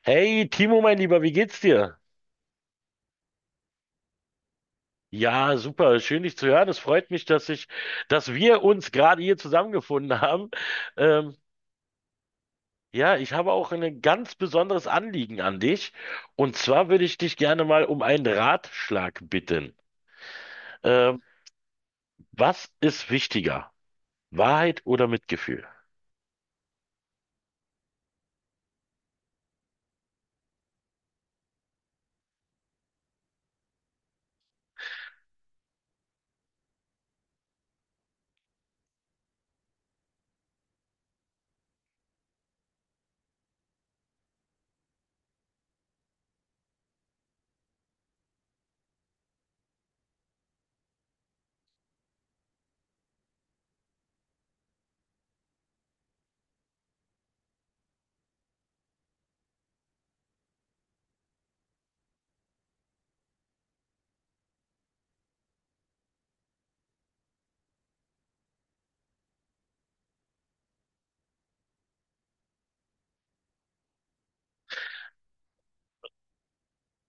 Hey Timo, mein Lieber, wie geht's dir? Ja, super, schön dich zu hören. Es freut mich, dass wir uns gerade hier zusammengefunden haben. Ähm, ja, ich habe auch ein ganz besonderes Anliegen an dich. Und zwar würde ich dich gerne mal um einen Ratschlag bitten. Ähm, was ist wichtiger? Wahrheit oder Mitgefühl?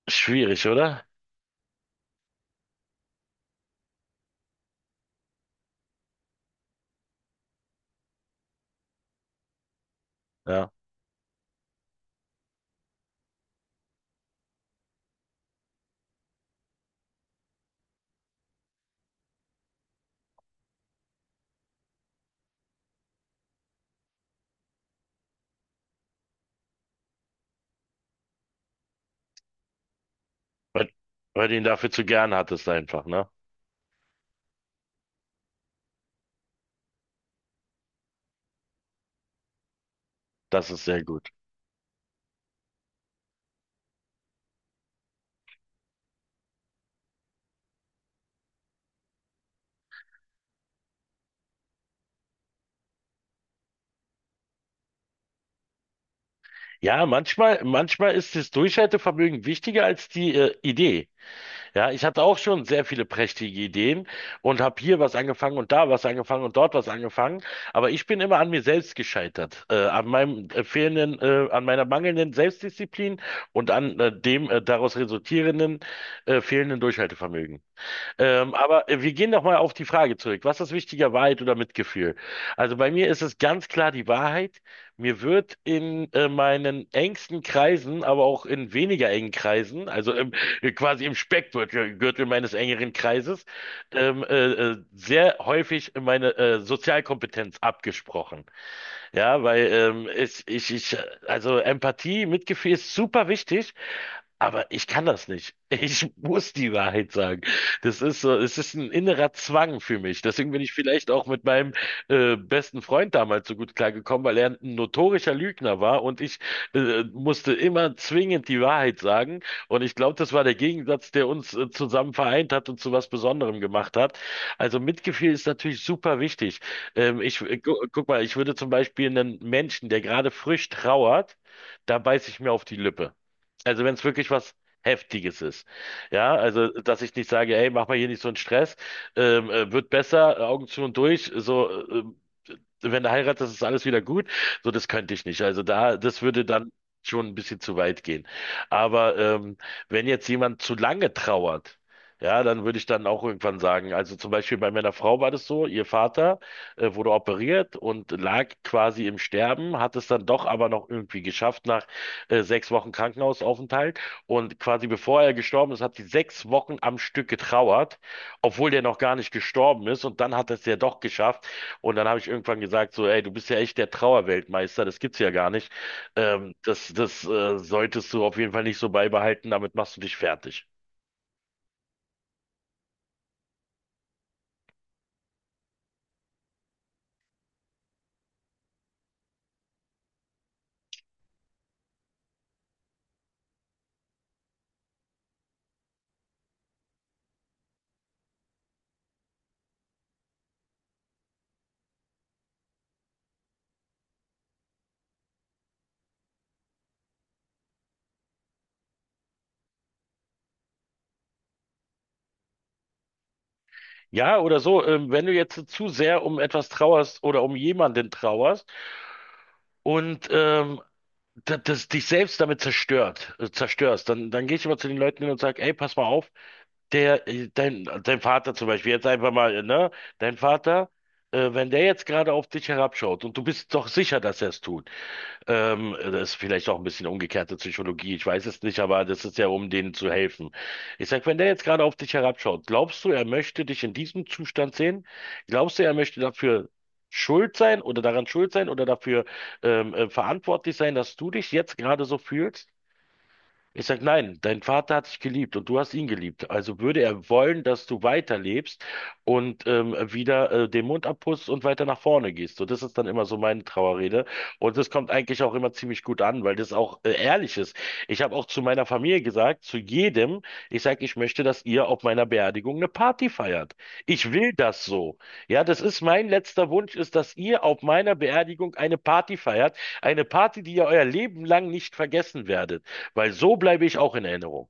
Schwierig, oder? Ja. Weil, weil du ihn dafür zu gern hattest einfach, ne? Das ist sehr gut. Ja, manchmal, manchmal ist das Durchhaltevermögen wichtiger als die, Idee. Ja, ich hatte auch schon sehr viele prächtige Ideen und habe hier was angefangen und da was angefangen und dort was angefangen. Aber ich bin immer an mir selbst gescheitert, an meinem fehlenden, an meiner mangelnden Selbstdisziplin und an dem daraus resultierenden fehlenden Durchhaltevermögen. Aber wir gehen nochmal auf die Frage zurück. Was ist wichtiger, Wahrheit oder Mitgefühl? Also bei mir ist es ganz klar die Wahrheit. Mir wird in meinen engsten Kreisen, aber auch in weniger engen Kreisen, also quasi im Speckgürtel Gürtel meines engeren Kreises, ähm, äh, sehr häufig meine Sozialkompetenz abgesprochen. Ja, weil also Empathie, Mitgefühl ist super wichtig, aber ich kann das nicht. Ich muss die Wahrheit sagen. Das ist so, es ist ein innerer Zwang für mich. Deswegen bin ich vielleicht auch mit meinem besten Freund damals so gut klargekommen, weil er ein notorischer Lügner war und ich musste immer zwingend die Wahrheit sagen. Und ich glaube, das war der Gegensatz, der uns zusammen vereint hat und zu was Besonderem gemacht hat. Also Mitgefühl ist natürlich super wichtig. Ich, gu guck mal, ich würde zum Beispiel einen Menschen, der gerade frisch trauert, da beiße ich mir auf die Lippe. Also wenn es wirklich was Heftiges ist. Ja, also dass ich nicht sage, ey, mach mal hier nicht so einen Stress, wird besser, Augen zu und durch, so wenn du heiratest, ist alles wieder gut. So, das könnte ich nicht. Also da, das würde dann schon ein bisschen zu weit gehen. Aber wenn jetzt jemand zu lange trauert, ja, dann würde ich dann auch irgendwann sagen, also zum Beispiel bei meiner Frau war das so, ihr Vater wurde operiert und lag quasi im Sterben, hat es dann doch aber noch irgendwie geschafft nach sechs Wochen Krankenhausaufenthalt. Und quasi bevor er gestorben ist, hat sie sechs Wochen am Stück getrauert, obwohl der noch gar nicht gestorben ist. Und dann hat es ja doch geschafft, und dann habe ich irgendwann gesagt, so, ey, du bist ja echt der Trauerweltmeister, das gibt's ja gar nicht. Das das solltest du auf jeden Fall nicht so beibehalten, damit machst du dich fertig. Ja, oder so, wenn du jetzt zu sehr um etwas trauerst oder um jemanden trauerst und das dich selbst damit zerstört, zerstörst, dann, dann gehe ich immer zu den Leuten hin und sage, ey, pass mal auf, dein Vater zum Beispiel, jetzt einfach mal, ne, dein Vater, wenn der jetzt gerade auf dich herabschaut und du bist doch sicher, dass er es tut. Das ist vielleicht auch ein bisschen umgekehrte Psychologie, ich weiß es nicht, aber das ist ja, um denen zu helfen. Ich sag, wenn der jetzt gerade auf dich herabschaut, glaubst du, er möchte dich in diesem Zustand sehen? Glaubst du, er möchte dafür schuld sein oder daran schuld sein oder dafür verantwortlich sein, dass du dich jetzt gerade so fühlst? Ich sage nein, dein Vater hat dich geliebt und du hast ihn geliebt. Also würde er wollen, dass du weiterlebst und wieder den Mund abpustest und weiter nach vorne gehst. So, das ist dann immer so meine Trauerrede. Und das kommt eigentlich auch immer ziemlich gut an, weil das auch ehrlich ist. Ich habe auch zu meiner Familie gesagt, zu jedem, ich sage, ich möchte, dass ihr auf meiner Beerdigung eine Party feiert. Ich will das so. Ja, das ist mein letzter Wunsch, ist, dass ihr auf meiner Beerdigung eine Party feiert. Eine Party, die ihr euer Leben lang nicht vergessen werdet. Weil so bleibe ich auch in Erinnerung.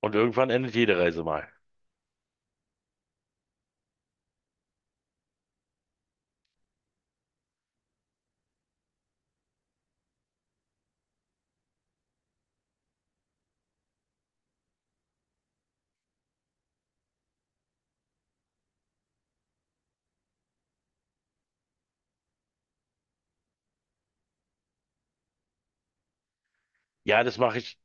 Und irgendwann endet jede Reise mal. Ja,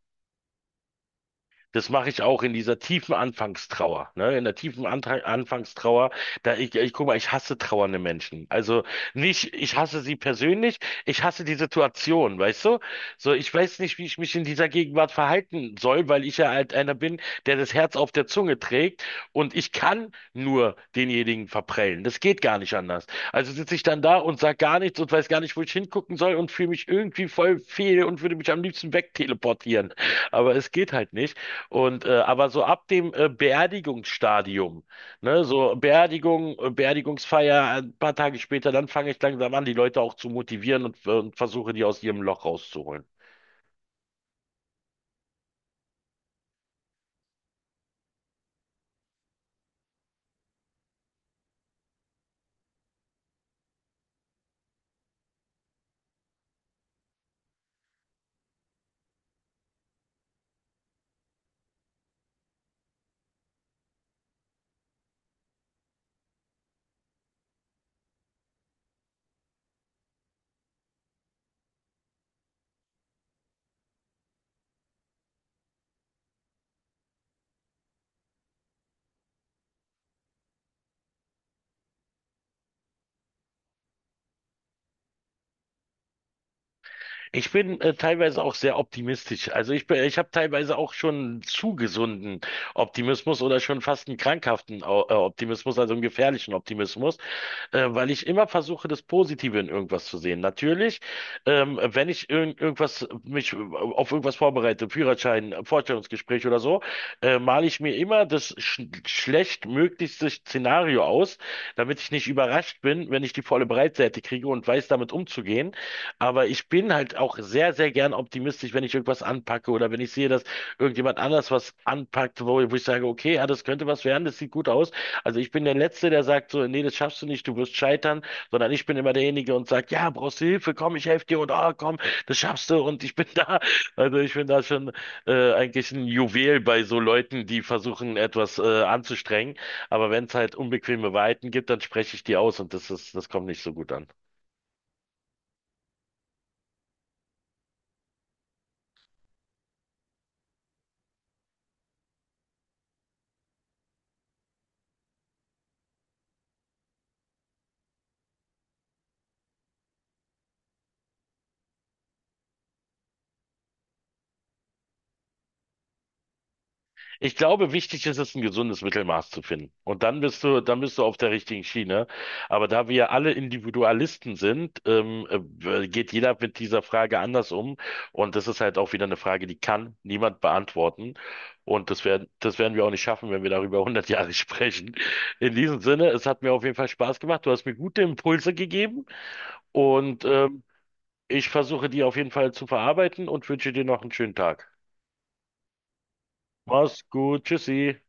das mache ich auch in dieser tiefen Anfangstrauer, ne? In der tiefen Antra Anfangstrauer, ich guck mal, ich hasse trauernde Menschen. Also nicht, ich hasse sie persönlich, ich hasse die Situation, weißt du? So, ich weiß nicht, wie ich mich in dieser Gegenwart verhalten soll, weil ich ja halt einer bin, der das Herz auf der Zunge trägt und ich kann nur denjenigen verprellen. Das geht gar nicht anders. Also sitze ich dann da und sag gar nichts und weiß gar nicht, wo ich hingucken soll und fühle mich irgendwie voll fehl und würde mich am liebsten wegteleportieren. Aber es geht halt nicht. Aber so ab dem Beerdigungsstadium, ne, so Beerdigungsfeier, ein paar Tage später, dann fange ich langsam an, die Leute auch zu motivieren und versuche die aus ihrem Loch rauszuholen. Ich bin teilweise auch sehr optimistisch. Also ich habe teilweise auch schon zu gesunden Optimismus oder schon fast einen Optimismus, also einen gefährlichen Optimismus, weil ich immer versuche, das Positive in irgendwas zu sehen. Natürlich, wenn irgendwas mich auf irgendwas vorbereite, Führerschein, Vorstellungsgespräch oder so, male ich mir immer das schlechtmöglichste Szenario aus, damit ich nicht überrascht bin, wenn ich die volle Breitseite kriege und weiß, damit umzugehen. Aber ich bin halt auch sehr, sehr gern optimistisch, wenn ich irgendwas anpacke oder wenn ich sehe, dass irgendjemand anders was anpackt, wo ich sage, okay, ja, das könnte was werden, das sieht gut aus. Also ich bin der Letzte, der sagt so, nee, das schaffst du nicht, du wirst scheitern, sondern ich bin immer derjenige und sagt, ja, brauchst du Hilfe, komm, ich helfe dir und ah, komm, das schaffst du und ich bin da. Also ich bin da schon eigentlich ein Juwel bei so Leuten, die versuchen, etwas anzustrengen. Aber wenn es halt unbequeme Wahrheiten gibt, dann spreche ich die aus und das ist, das kommt nicht so gut an. Ich glaube, wichtig ist es, ein gesundes Mittelmaß zu finden. Und dann bist du auf der richtigen Schiene. Aber da wir ja alle Individualisten sind, geht jeder mit dieser Frage anders um. Und das ist halt auch wieder eine Frage, die kann niemand beantworten. Und das werden wir auch nicht schaffen, wenn wir darüber 100 Jahre sprechen. In diesem Sinne, es hat mir auf jeden Fall Spaß gemacht. Du hast mir gute Impulse gegeben und ich versuche die auf jeden Fall zu verarbeiten und wünsche dir noch einen schönen Tag. Mach's gut. Tschüssi.